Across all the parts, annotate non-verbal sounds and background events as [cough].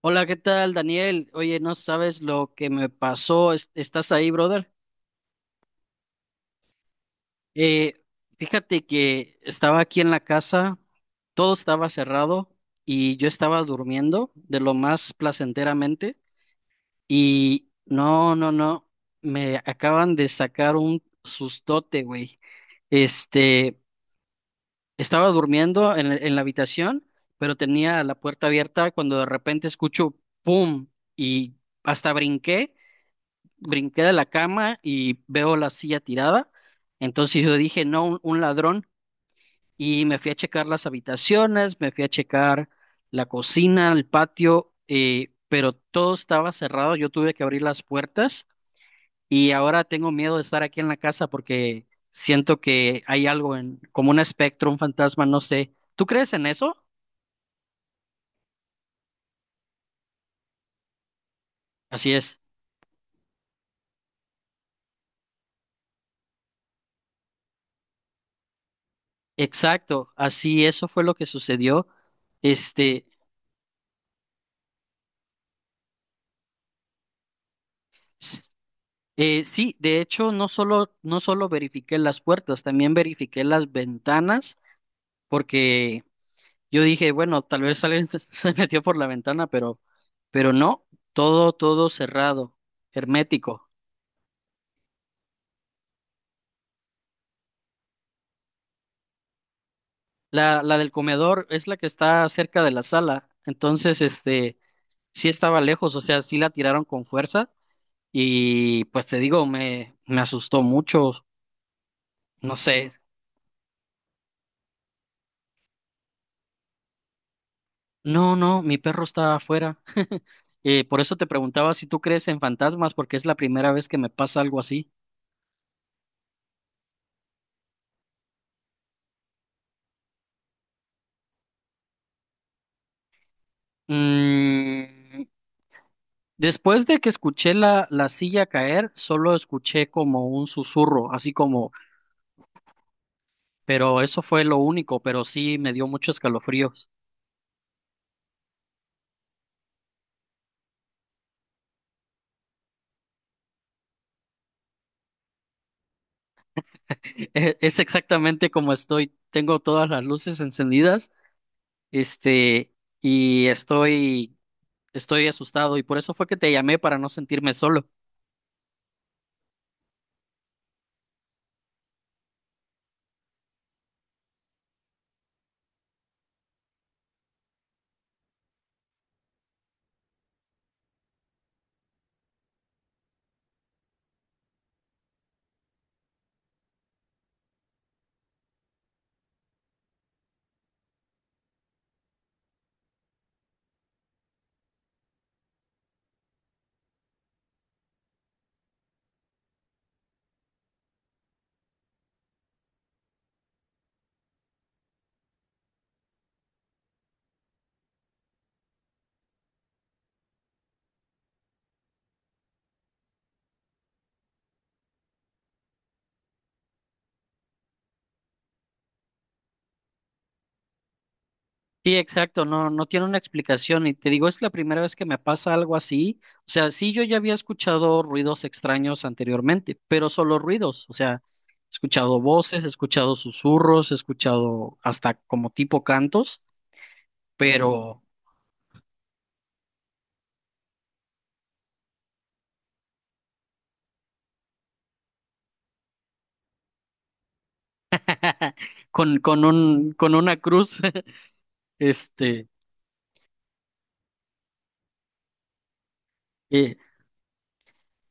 Hola, ¿qué tal, Daniel? Oye, no sabes lo que me pasó. ¿Estás ahí, brother? Eh, fíjate que estaba aquí en la casa, todo estaba cerrado y yo estaba durmiendo de lo más placenteramente y no, no, no, me acaban de sacar un sustote, güey. Este, estaba durmiendo en la habitación, pero tenía la puerta abierta cuando de repente escucho ¡pum! Y hasta brinqué. Brinqué de la cama y veo la silla tirada. Entonces yo dije, no, un ladrón. Y me fui a checar las habitaciones, me fui a checar la cocina, el patio, pero todo estaba cerrado. Yo tuve que abrir las puertas y ahora tengo miedo de estar aquí en la casa porque siento que hay algo en, como un espectro, un fantasma, no sé. ¿Tú crees en eso? Así es. Exacto, así eso fue lo que sucedió. Este, sí, de hecho, no solo verifiqué las puertas, también verifiqué las ventanas, porque yo dije, bueno, tal vez alguien se, [laughs] se metió por la ventana, pero no, todo cerrado, hermético. La del comedor es la que está cerca de la sala, entonces, sí estaba lejos, o sea, sí la tiraron con fuerza, y pues te digo, me asustó mucho, no sé. No, no, mi perro está afuera. [laughs] Por eso te preguntaba si tú crees en fantasmas, porque es la primera vez que me pasa algo así. Mm, después de que escuché la silla caer, solo escuché como un susurro, así como, pero eso fue lo único, pero sí me dio muchos escalofríos. [laughs] Es exactamente como estoy. Tengo todas las luces encendidas, este, y estoy asustado, y por eso fue que te llamé para no sentirme solo. Sí, exacto, no, no tiene una explicación y te digo, es la primera vez que me pasa algo así. O sea, sí, yo ya había escuchado ruidos extraños anteriormente, pero solo ruidos, o sea, he escuchado voces, he escuchado susurros, he escuchado hasta como tipo cantos, pero con una cruz. [laughs] este, eh,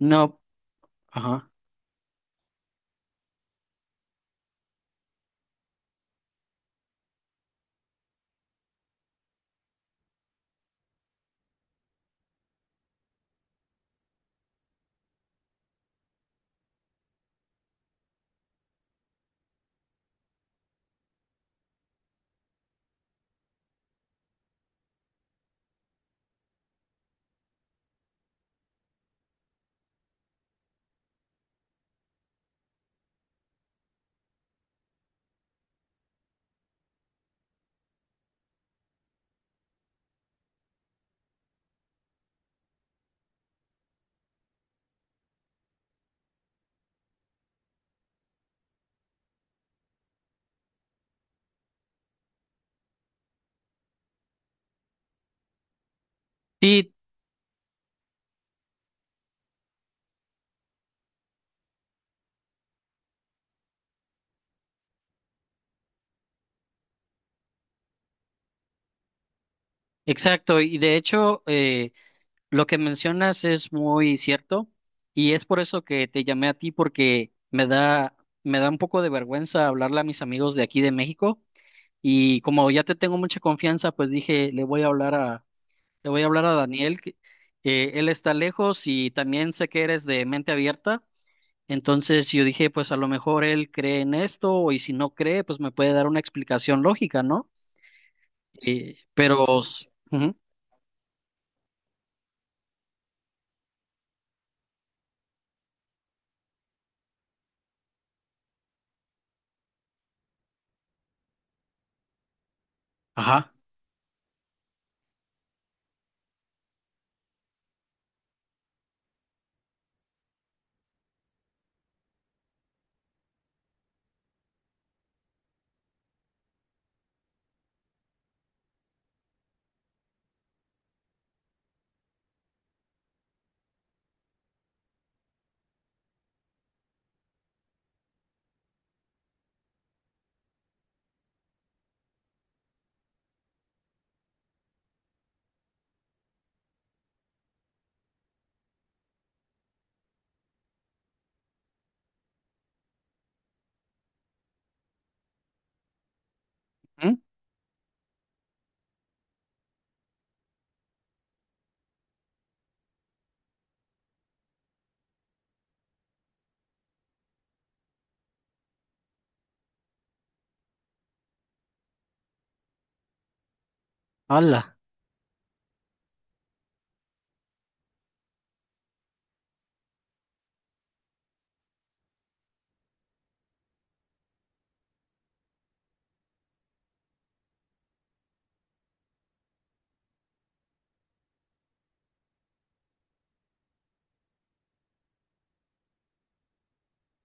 no, ajá. Sí, exacto, y de hecho, lo que mencionas es muy cierto y es por eso que te llamé a ti porque me da un poco de vergüenza hablarle a mis amigos de aquí de México y como ya te tengo mucha confianza, pues dije, le voy a hablar a Daniel que él está lejos y también sé que eres de mente abierta, entonces yo dije, pues a lo mejor él cree en esto y si no cree, pues me puede dar una explicación lógica, ¿no? Pero ujú, ajá, ujú, ala,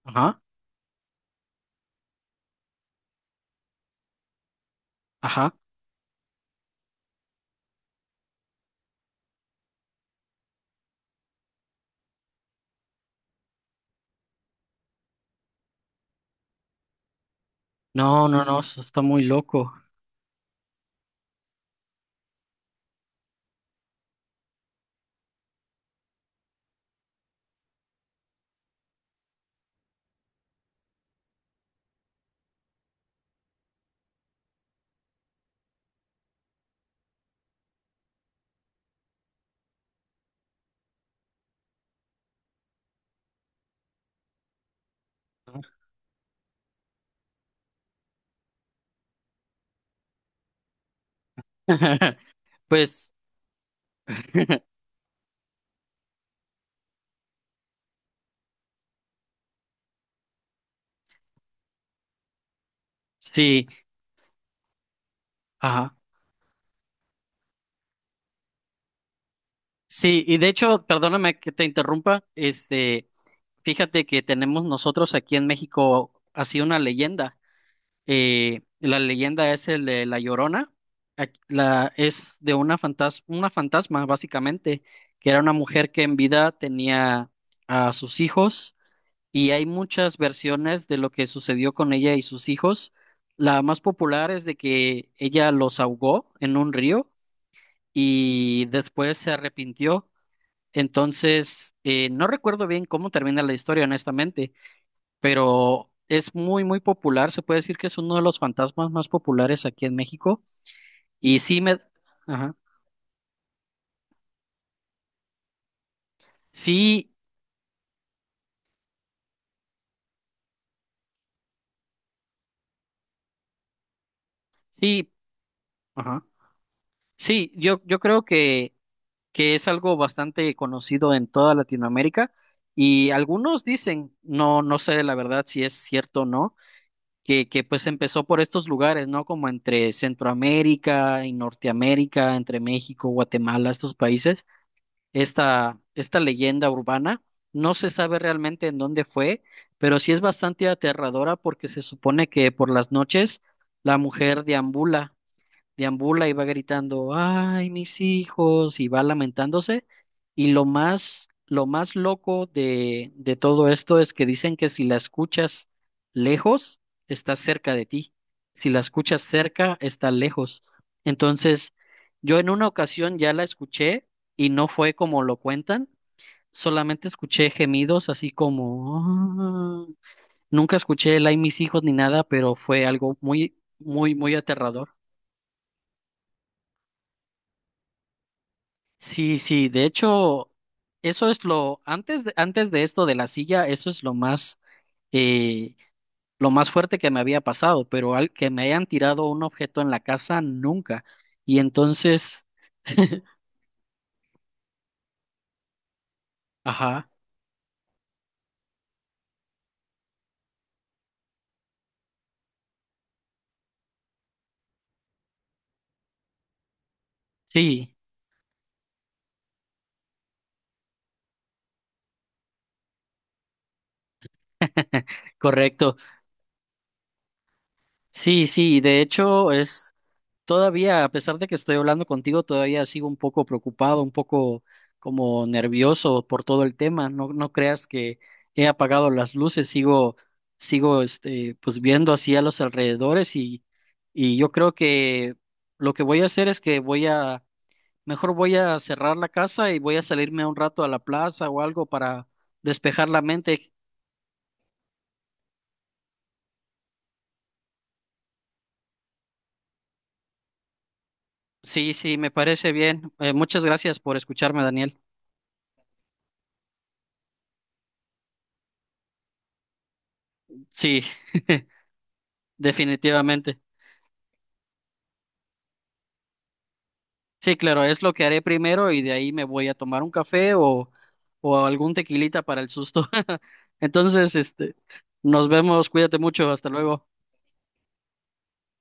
ajá, ajá. No, no, no, eso está muy loco. [laughs] Pues [laughs] sí, ajá. Sí, y de hecho, perdóname que te interrumpa, fíjate que tenemos nosotros aquí en México así una leyenda. La leyenda es el de La Llorona. Es de una fantasma, básicamente, que era una mujer que en vida tenía a sus hijos y hay muchas versiones de lo que sucedió con ella y sus hijos. La más popular es de que ella los ahogó en un río y después se arrepintió. Entonces, no recuerdo bien cómo termina la historia, honestamente, pero es muy, muy popular. Se puede decir que es uno de los fantasmas más populares aquí en México. Y sí me... Ajá. Sí, sí, ajá. Sí, yo creo que es algo bastante conocido en toda Latinoamérica y algunos dicen, no, no sé la verdad si es cierto o no, que pues empezó por estos lugares, ¿no? Como entre Centroamérica y Norteamérica, entre México, Guatemala, estos países, esta leyenda urbana. No se sabe realmente en dónde fue, pero sí es bastante aterradora porque se supone que por las noches la mujer deambula deambula y va gritando, ay, mis hijos, y va lamentándose. Y lo más loco de todo esto es que dicen que si la escuchas lejos, está cerca de ti. Si la escuchas cerca, está lejos. Entonces, yo en una ocasión ya la escuché y no fue como lo cuentan, solamente escuché gemidos así como, "Ah". Nunca escuché el ay, mis hijos ni nada, pero fue algo muy, muy, muy aterrador. Sí, sí, de hecho, antes de esto de la silla, eso es eh, lo más fuerte que me había pasado, pero al que me hayan tirado un objeto en la casa, nunca. Y entonces, [laughs] ajá, sí, correcto. Sí, sí, de hecho, es Todavía, a pesar de que estoy hablando contigo, todavía sigo un poco preocupado, un poco como nervioso por todo el tema. No, no creas que he apagado las luces, sigo, pues viendo hacia los alrededores y yo creo que lo que voy a hacer es que mejor voy a cerrar la casa y voy a salirme un rato a la plaza o algo para despejar la mente. Sí, sí, me parece bien. Muchas gracias por escucharme, Daniel. Sí, [laughs] definitivamente. Sí, claro, es lo que haré primero y de ahí me voy a tomar un café o algún tequilita para el susto. [laughs] Entonces, nos vemos, cuídate mucho, hasta luego.